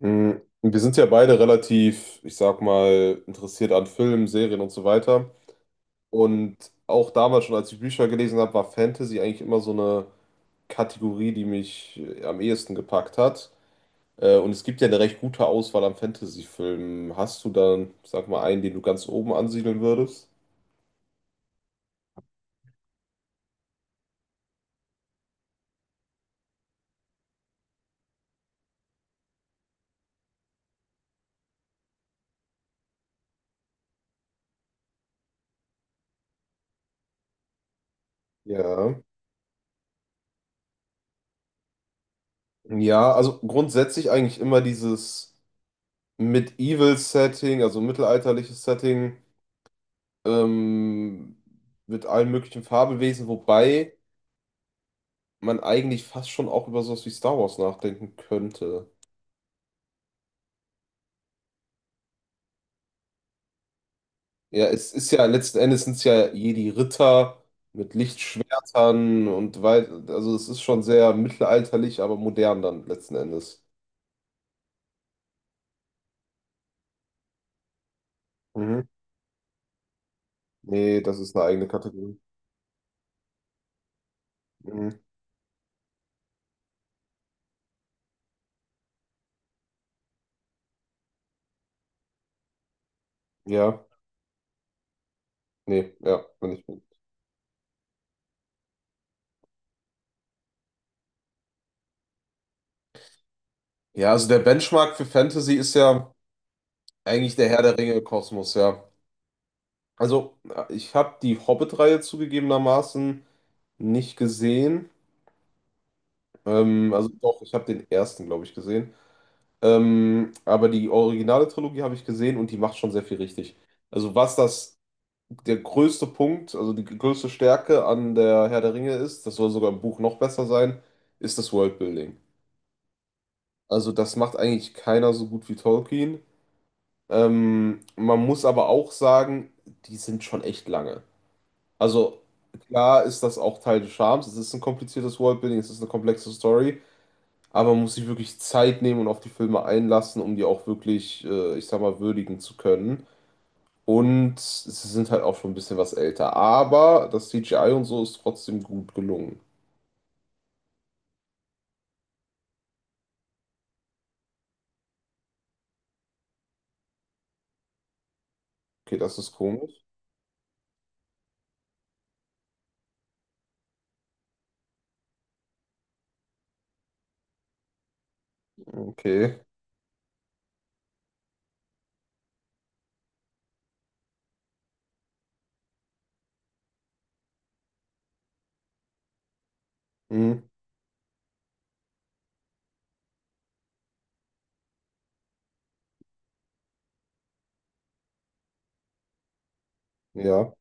Mm, wir sind ja beide relativ, ich sag mal, interessiert an Filmen, Serien und so weiter. Und auch damals schon, als ich Bücher gelesen habe, war Fantasy eigentlich immer so eine Kategorie, die mich am ehesten gepackt hat. Und es gibt ja eine recht gute Auswahl an Fantasy-Filmen. Hast du dann, sag mal, einen, den du ganz oben ansiedeln würdest? Ja. Ja, also grundsätzlich eigentlich immer dieses Medieval-Setting, also mittelalterliches Setting, ähm, mit allen möglichen Fabelwesen, wobei man eigentlich fast schon auch über sowas wie Star Wars nachdenken könnte. Ja, es ist ja, letzten Endes sind es ja Jedi-Ritter mit Lichtschwertern und weit, also es ist schon sehr mittelalterlich, aber modern dann letzten Endes. Mhm. Nee, das ist eine eigene Kategorie. Mhm. Ja, nee, ja, bin ich. Ja, also der Benchmark für Fantasy ist ja eigentlich der Herr der Ringe-Kosmos, ja. Also, ich habe die Hobbit-Reihe zugegebenermaßen nicht gesehen. Also doch, ich habe den ersten, glaube ich, gesehen. Aber die originale Trilogie habe ich gesehen und die macht schon sehr viel richtig. Also was das Der größte Punkt, also die größte Stärke an der Herr der Ringe ist, das soll sogar im Buch noch besser sein, ist das Worldbuilding. Also das macht eigentlich keiner so gut wie Tolkien. Man muss aber auch sagen, die sind schon echt lange. Also klar ist das auch Teil des Charmes. Es ist ein kompliziertes Worldbuilding, es ist eine komplexe Story. Aber man muss sich wirklich Zeit nehmen und auf die Filme einlassen, um die auch wirklich, ich sag mal, würdigen zu können. Und sie sind halt auch schon ein bisschen was älter. Aber das CGI und so ist trotzdem gut gelungen. Okay, das ist komisch. Okay. Hm, ja.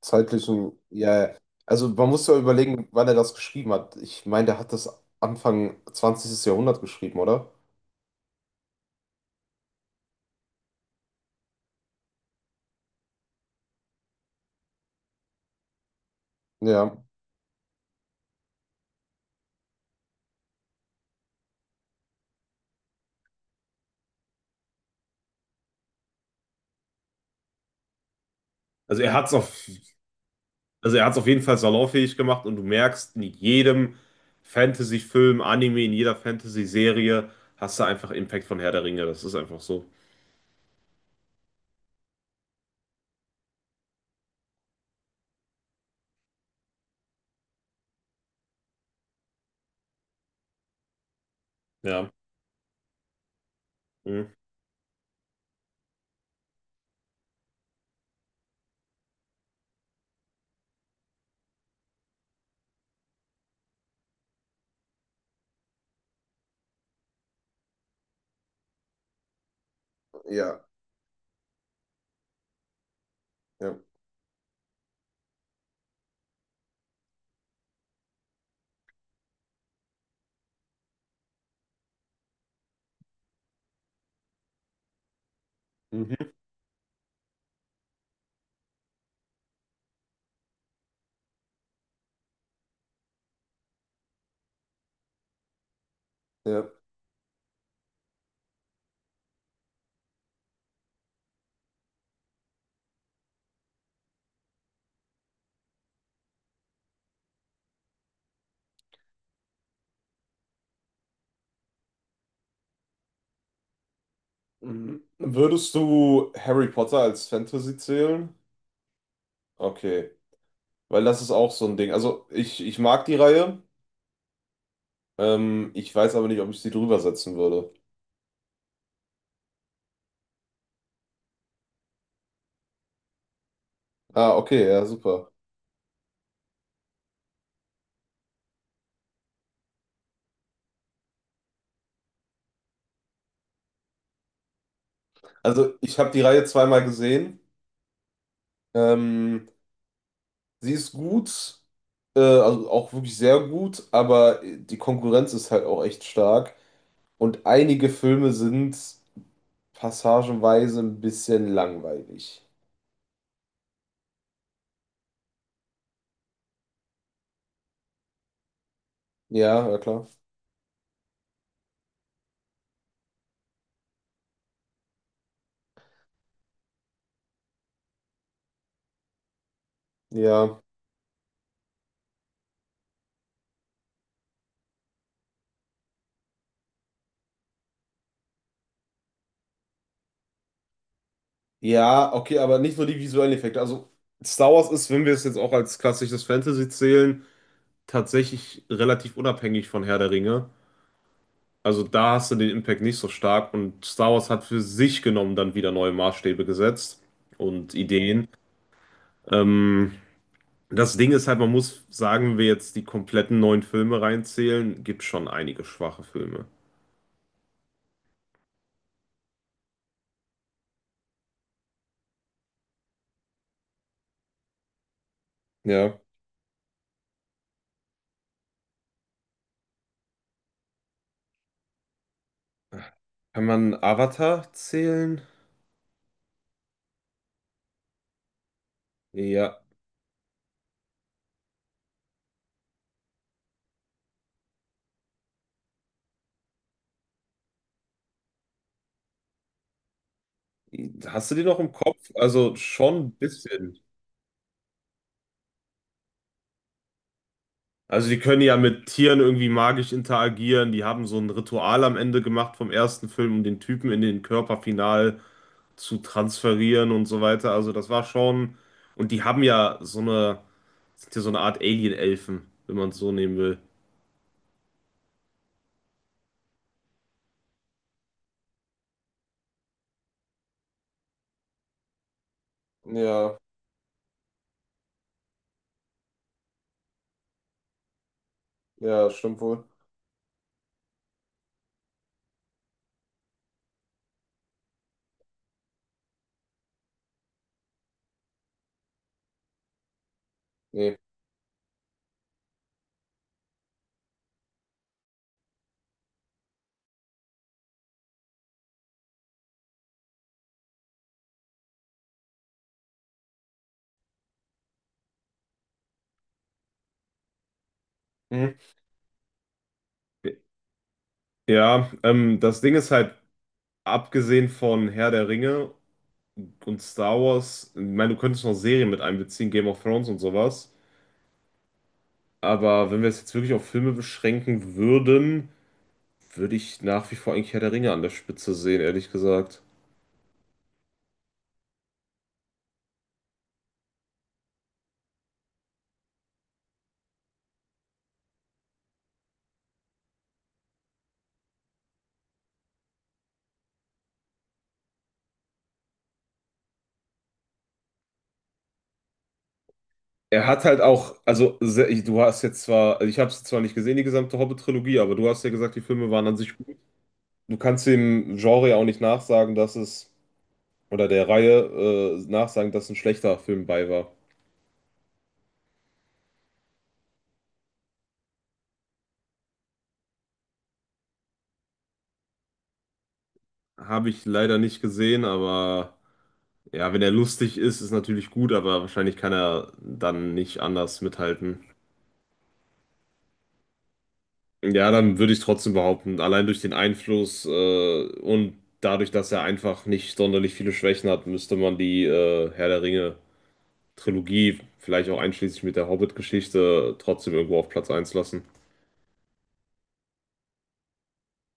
Zeitlichen, ja, ja. Also man muss ja überlegen, wann er das geschrieben hat. Ich meine, der hat das Anfang 20. Jahrhundert geschrieben, oder? Ja. Also er hat es auf Also er hat es auf jeden Fall salonfähig gemacht und du merkst, in jedem Fantasy-Film, Anime, in jeder Fantasy-Serie hast du einfach Impact von Herr der Ringe. Das ist einfach so. Ja. Mhm. Ja, ja, mhm, ja. Mhm. Würdest du Harry Potter als Fantasy zählen? Okay, weil das ist auch so ein Ding. Also ich mag die Reihe, ich weiß aber nicht, ob ich sie drüber setzen würde. Ah, okay, ja, super. Also ich habe die Reihe zweimal gesehen. Ähm, Sie ist gut, also auch wirklich sehr gut, aber die Konkurrenz ist halt auch echt stark. Und einige Filme sind passagenweise ein bisschen langweilig. Ja, ja klar. Ja. Ja, okay, aber nicht nur die visuellen Effekte. Also Star Wars ist, wenn wir es jetzt auch als klassisches Fantasy zählen, tatsächlich relativ unabhängig von Herr der Ringe. Also da hast du den Impact nicht so stark und Star Wars hat für sich genommen dann wieder neue Maßstäbe gesetzt und Ideen. Ähm, Das Ding ist halt, man muss sagen, wenn wir jetzt die kompletten neuen Filme reinzählen, gibt schon einige schwache Filme. Ja. Kann man Avatar zählen? Ja. Hast du die noch im Kopf? Also schon ein bisschen. Also die können ja mit Tieren irgendwie magisch interagieren. Die haben so ein Ritual am Ende gemacht vom ersten Film, um den Typen in den Körper final zu transferieren und so weiter. Also das war schon. Und die haben ja so eine, sind ja so eine Art Alien-Elfen, wenn man es so nehmen will. Ja. Ja, stimmt wohl. Nee. Mhm. Ja, das Ding ist halt, abgesehen von Herr der Ringe und Star Wars, ich meine, du könntest noch Serien mit einbeziehen, Game of Thrones und sowas. Aber wenn wir es jetzt wirklich auf Filme beschränken würden, würde ich nach wie vor eigentlich Herr der Ringe an der Spitze sehen, ehrlich gesagt. Er hat halt auch, also se- du hast jetzt zwar, also ich habe es zwar nicht gesehen, die gesamte Hobbit-Trilogie, aber du hast ja gesagt, die Filme waren an sich, du kannst dem Genre ja auch nicht nachsagen, dass es oder der Reihe nachsagen, dass ein schlechter Film bei war. Habe ich leider nicht gesehen, aber ja, wenn er lustig ist, ist natürlich gut, aber wahrscheinlich kann er dann nicht anders mithalten. Ja, dann würde ich trotzdem behaupten, allein durch den Einfluss und dadurch, dass er einfach nicht sonderlich viele Schwächen hat, müsste man die Herr der Ringe Trilogie, vielleicht auch einschließlich mit der Hobbit-Geschichte, trotzdem irgendwo auf Platz eins lassen.